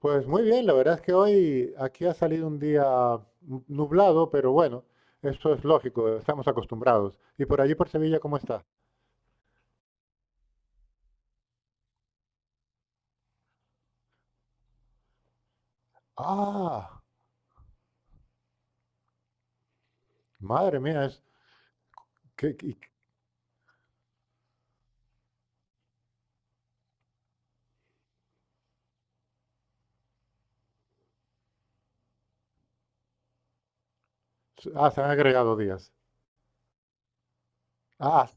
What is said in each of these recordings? Pues muy bien, la verdad es que hoy aquí ha salido un día nublado, pero bueno, eso es lógico, estamos acostumbrados. ¿Y por allí por Sevilla cómo está? Ah, madre mía, es que, que- ah, se han agregado días. Ah,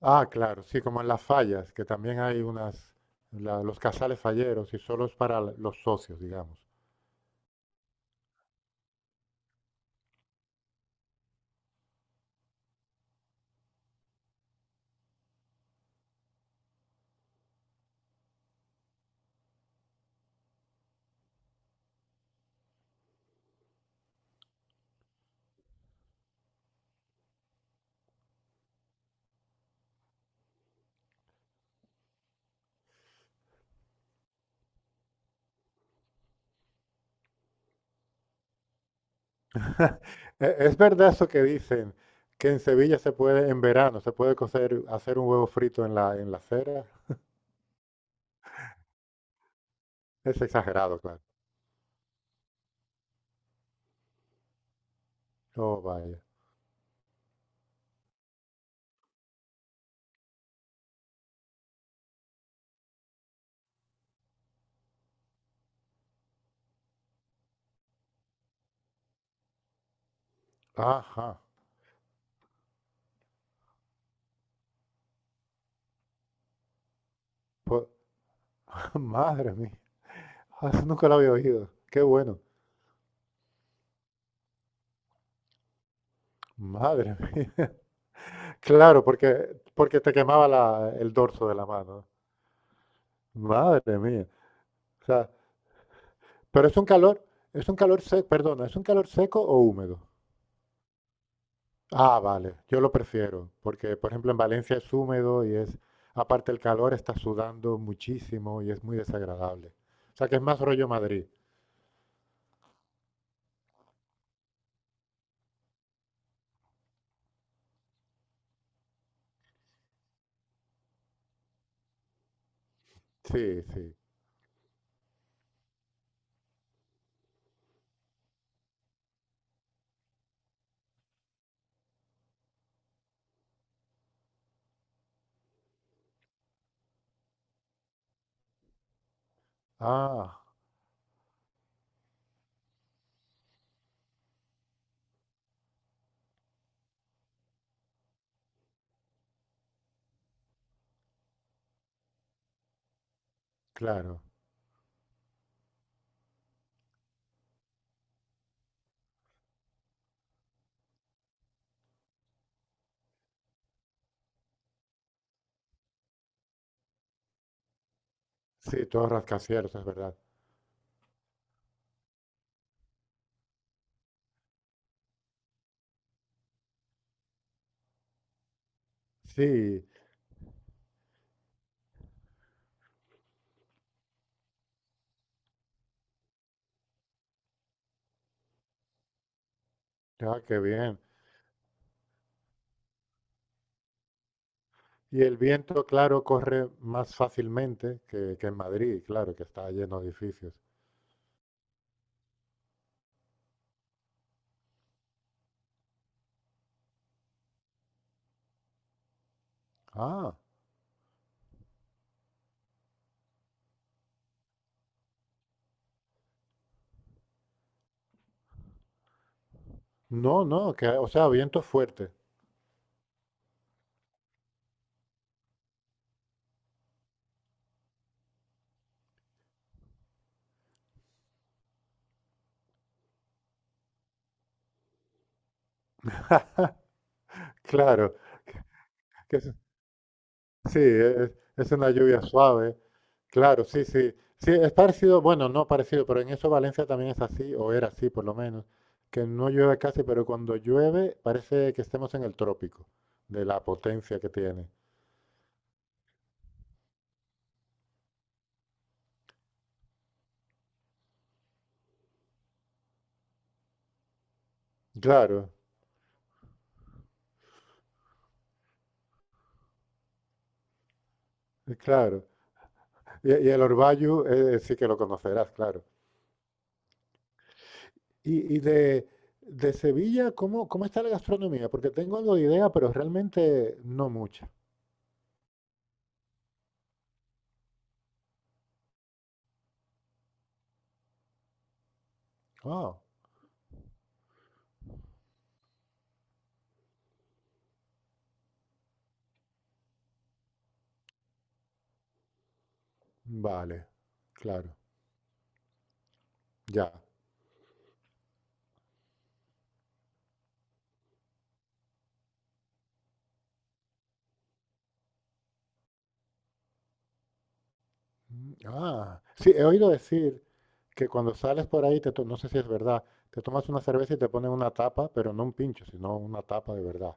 ah, claro, sí, como en las fallas, que también hay unas, los casales falleros y solo es para los socios, digamos. Es verdad eso que dicen, que en Sevilla se puede, en verano, se puede cocer, hacer un huevo frito en la acera. Es exagerado, claro. Oh, vaya. Ajá. Pues, madre mía. Ah, eso nunca lo había oído. Qué bueno. Madre mía. Claro, porque, porque te quemaba el dorso de la mano. Madre mía. O sea, pero es un calor seco, perdona, ¿es un calor seco o húmedo? Ah, vale. Yo lo prefiero, porque por ejemplo en Valencia es húmedo y es, aparte el calor está sudando muchísimo y es muy desagradable. O sea que es más rollo Madrid. Sí, sí. Ah, claro. Sí, todo rascacielos, es verdad. Sí, ah, qué bien. Y el viento, claro, corre más fácilmente que en Madrid, claro, que está lleno de edificios. Ah, no, no, que, o sea, viento fuerte. Claro, que sí, es una lluvia suave. Claro, sí, sí. Sí, es parecido, bueno, no parecido, pero en eso Valencia también es así, o era así por lo menos, que no llueve casi, pero cuando llueve parece que estemos en el trópico, de la potencia que tiene. Claro, claro. Y el Orbayu sí que lo conocerás, claro. Y de Sevilla, ¿cómo, cómo está la gastronomía? Porque tengo algo de idea, pero realmente no mucha. Ah, vale, claro, ya. Mm, ah, sí, he oído decir que cuando sales por ahí, no sé si es verdad, te tomas una cerveza y te ponen una tapa, pero no un pincho, sino una tapa de verdad.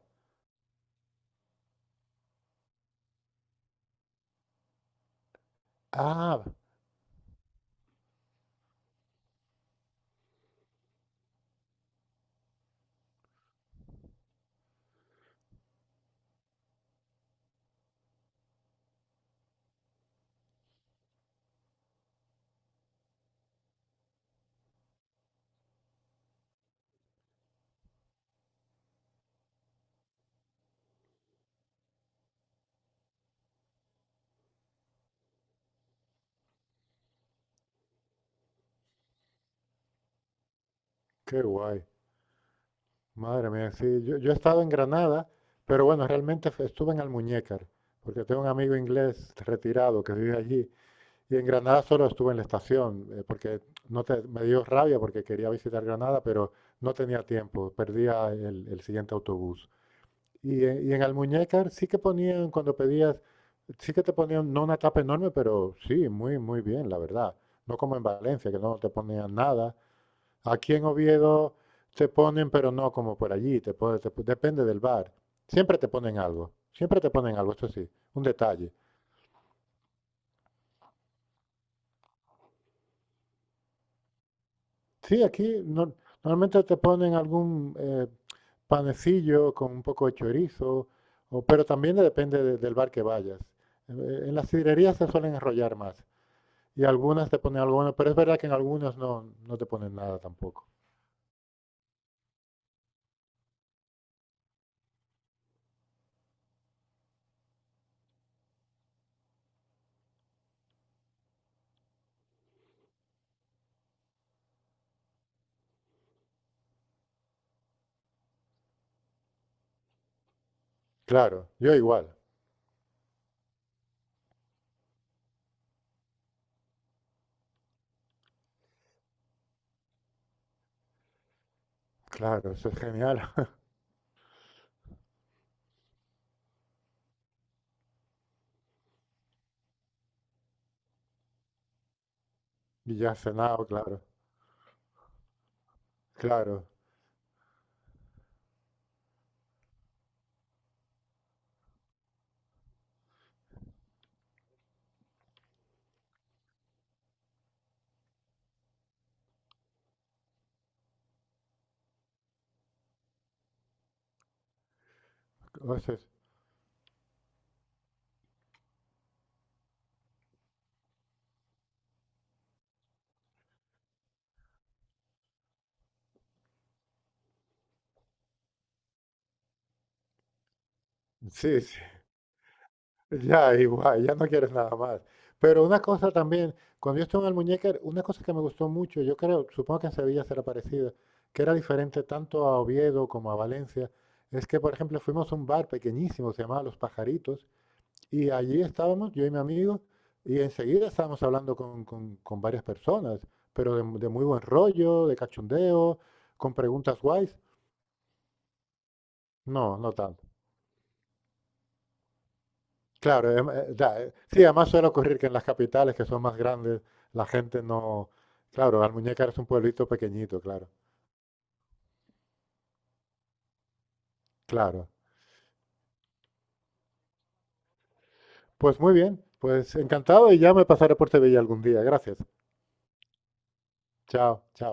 Ah, qué guay. Madre mía, sí, yo he estado en Granada, pero bueno, realmente estuve en Almuñécar, porque tengo un amigo inglés retirado que vive allí, y en Granada solo estuve en la estación, porque no te- me dio rabia porque quería visitar Granada, pero no tenía tiempo, perdía el siguiente autobús. Y en Almuñécar sí que ponían, cuando pedías, sí que te ponían, no una tapa enorme, pero sí, muy, muy bien, la verdad. No como en Valencia, que no te ponían nada. Aquí en Oviedo te ponen, pero no como por allí, te depende del bar. Siempre te ponen algo, siempre te ponen algo, esto sí, un detalle. Sí, aquí normalmente te ponen algún panecillo con un poco de chorizo, pero también depende del bar que vayas. En las sidrerías se suelen enrollar más y algunas te ponen algo bueno, pero es verdad que en algunas no, no te ponen nada tampoco. Claro, yo igual. Claro, eso es genial. Y ya has cenado, claro, claro. O sea, sí, sí, ya igual, ya no quieres nada más. Pero una cosa también, cuando yo estuve en Almuñécar, una cosa que me gustó mucho, yo creo, supongo que en Sevilla será parecida, que era diferente tanto a Oviedo como a Valencia, es que, por ejemplo, fuimos a un bar pequeñísimo, se llamaba Los Pajaritos, y allí estábamos, yo y mi amigo, y enseguida estábamos hablando con, con varias personas, pero de muy buen rollo, de cachondeo, con preguntas guays. No, no tanto. Claro, sí, además suele ocurrir que en las capitales que son más grandes, la gente no... Claro, Almuñécar es un pueblito pequeñito, claro. Claro. Pues muy bien, pues encantado y ya me pasaré por Sevilla algún día. Gracias. Chao, chao.